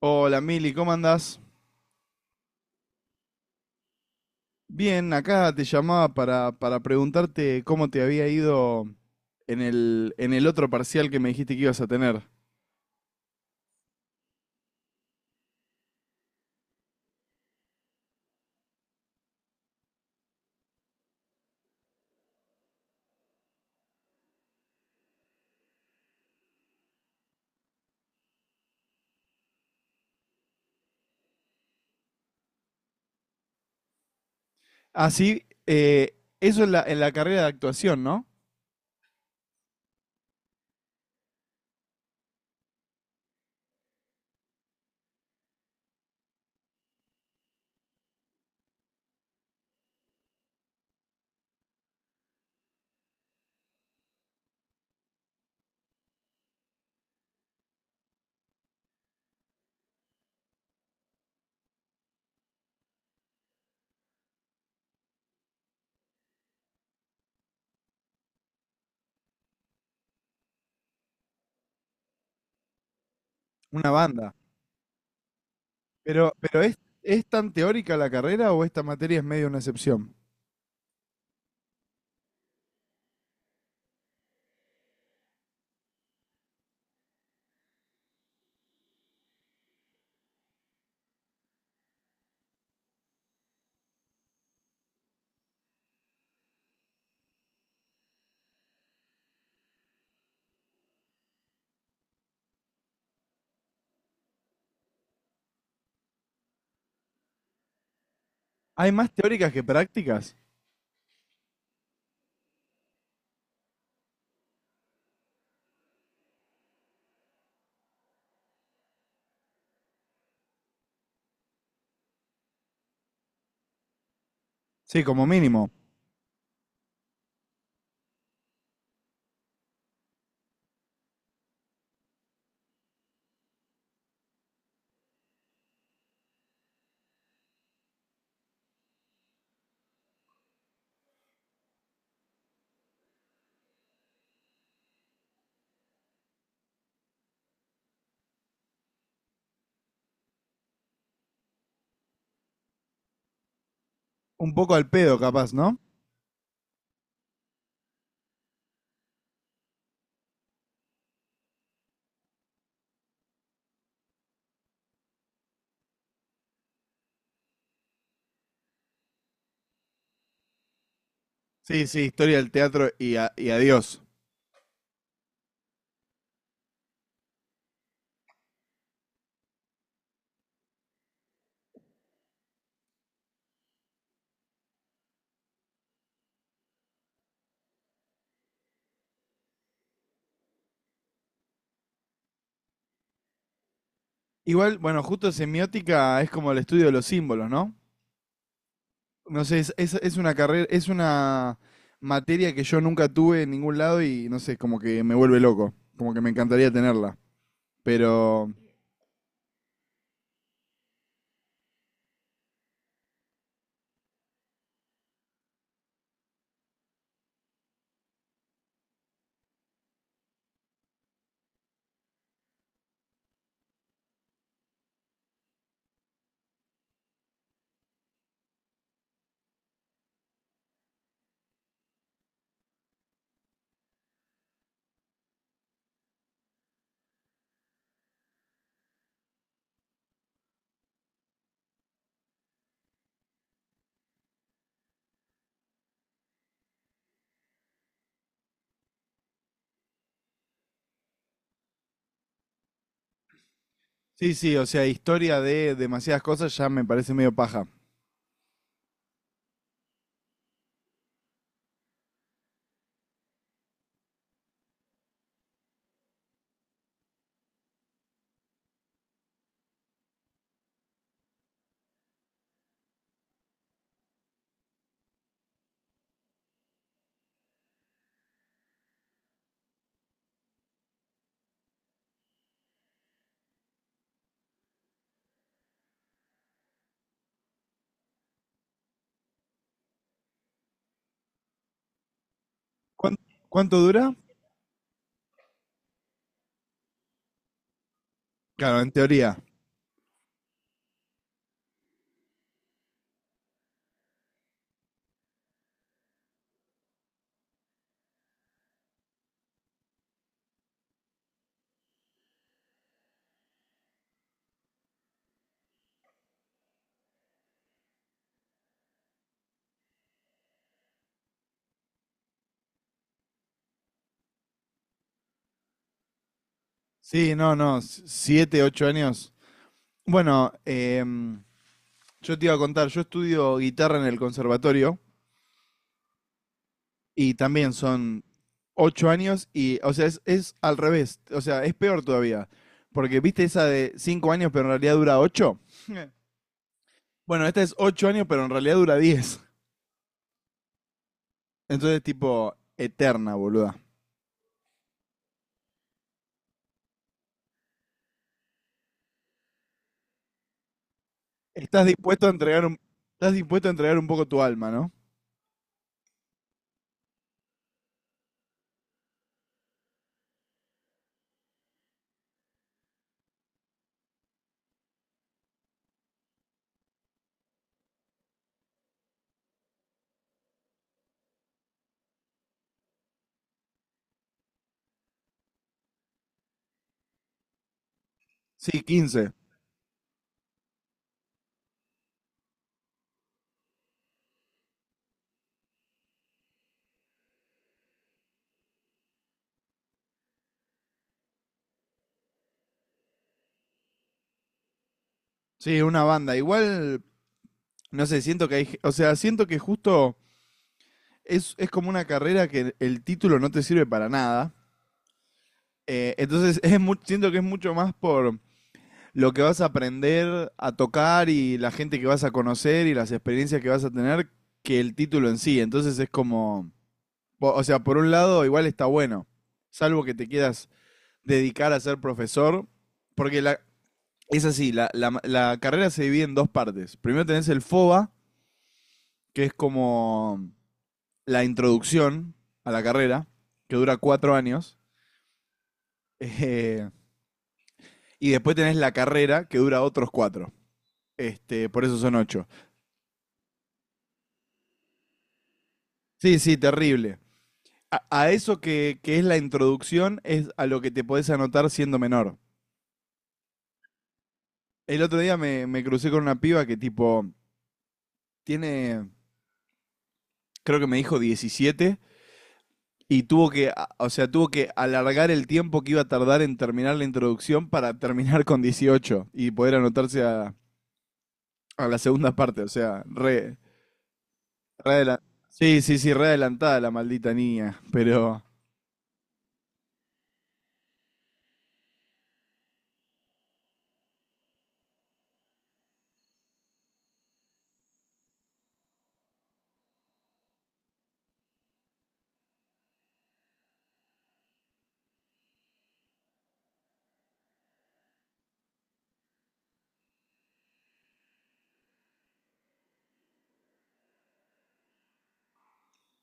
Hola Mili, ¿cómo andás? Bien, acá te llamaba para preguntarte cómo te había ido en el otro parcial que me dijiste que ibas a tener. Ah, sí, eso en la carrera de actuación, ¿no? Una banda. Pero ¿es tan teórica la carrera o esta materia es medio una excepción? ¿Hay más teóricas que prácticas? Sí, como mínimo. Un poco al pedo, capaz, ¿no? Sí, sí, historia del teatro y adiós. Igual, bueno, justo semiótica es como el estudio de los símbolos, ¿no? No sé, es una carrera, es una materia que yo nunca tuve en ningún lado y no sé, como que me vuelve loco, como que me encantaría tenerla. Pero sí, sí, o sea, historia de demasiadas cosas ya me parece medio paja. ¿Cuán- ¿Cuánto dura? Claro, en teoría. Sí, no, no, 7, 8 años. Bueno, yo te iba a contar, yo estudio guitarra en el conservatorio. Y también son 8 años y, o sea, es al revés, o sea, es peor todavía. Porque viste esa de 5 años, pero en realidad dura 8. Bueno, esta es 8 años, pero en realidad dura 10. Entonces, tipo, eterna, boluda. Estás dispuesto a entregar un, estás dispuesto a entregar un poco tu alma, ¿no? Sí, 15. Sí, una banda. Igual, no sé, siento que o sea, siento que justo es como una carrera que el título no te sirve para nada. Entonces siento que es mucho más por lo que vas a aprender a tocar y la gente que vas a conocer y las experiencias que vas a tener que el título en sí. Entonces es como, o sea, por un lado igual está bueno, salvo que te quieras dedicar a ser profesor, porque es así, la carrera se divide en dos partes. Primero tenés el FOBA, que es como la introducción a la carrera, que dura 4 años. Eh, y después tenés la carrera que dura otros 4. Este, por eso son 8. Sí, sí, terrible. A eso que es la introducción es a lo que te podés anotar siendo menor. El otro día me crucé con una piba que tipo tiene, creo que me dijo 17 y tuvo que, o sea, tuvo que alargar el tiempo que iba a tardar en terminar la introducción para terminar con 18 y poder anotarse a la segunda parte, o sea, re. Sí, sí, sí, re adelantada la maldita niña, pero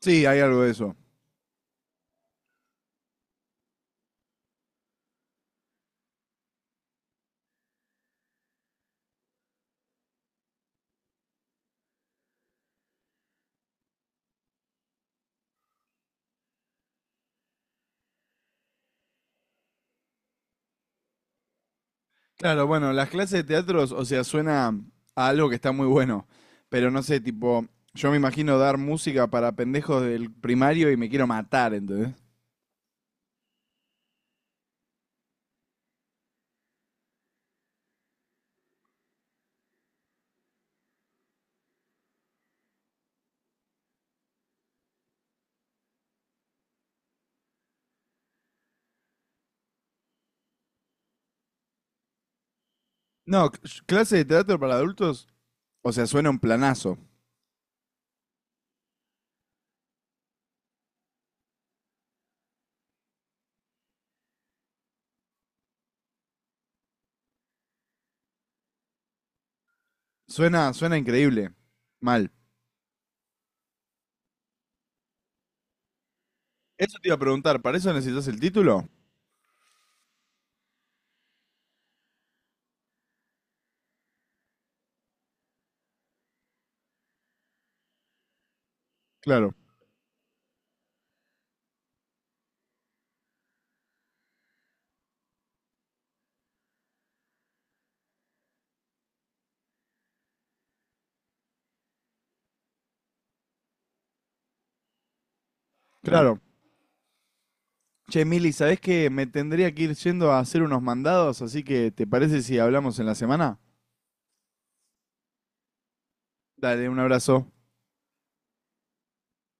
sí, hay algo de eso. Claro, bueno, las clases de teatros, o sea, suena a algo que está muy bueno, pero no sé, tipo, yo me imagino dar música para pendejos del primario y me quiero matar, ¿entendés? No, clase de teatro para adultos, o sea, suena un planazo. Suena, suena increíble. Mal. Eso te iba a preguntar, ¿para eso necesitas el título? Claro, claro. Che, Mili, ¿sabés que me tendría que ir yendo a hacer unos mandados? Así que, ¿te parece si hablamos en la semana? Dale, un abrazo.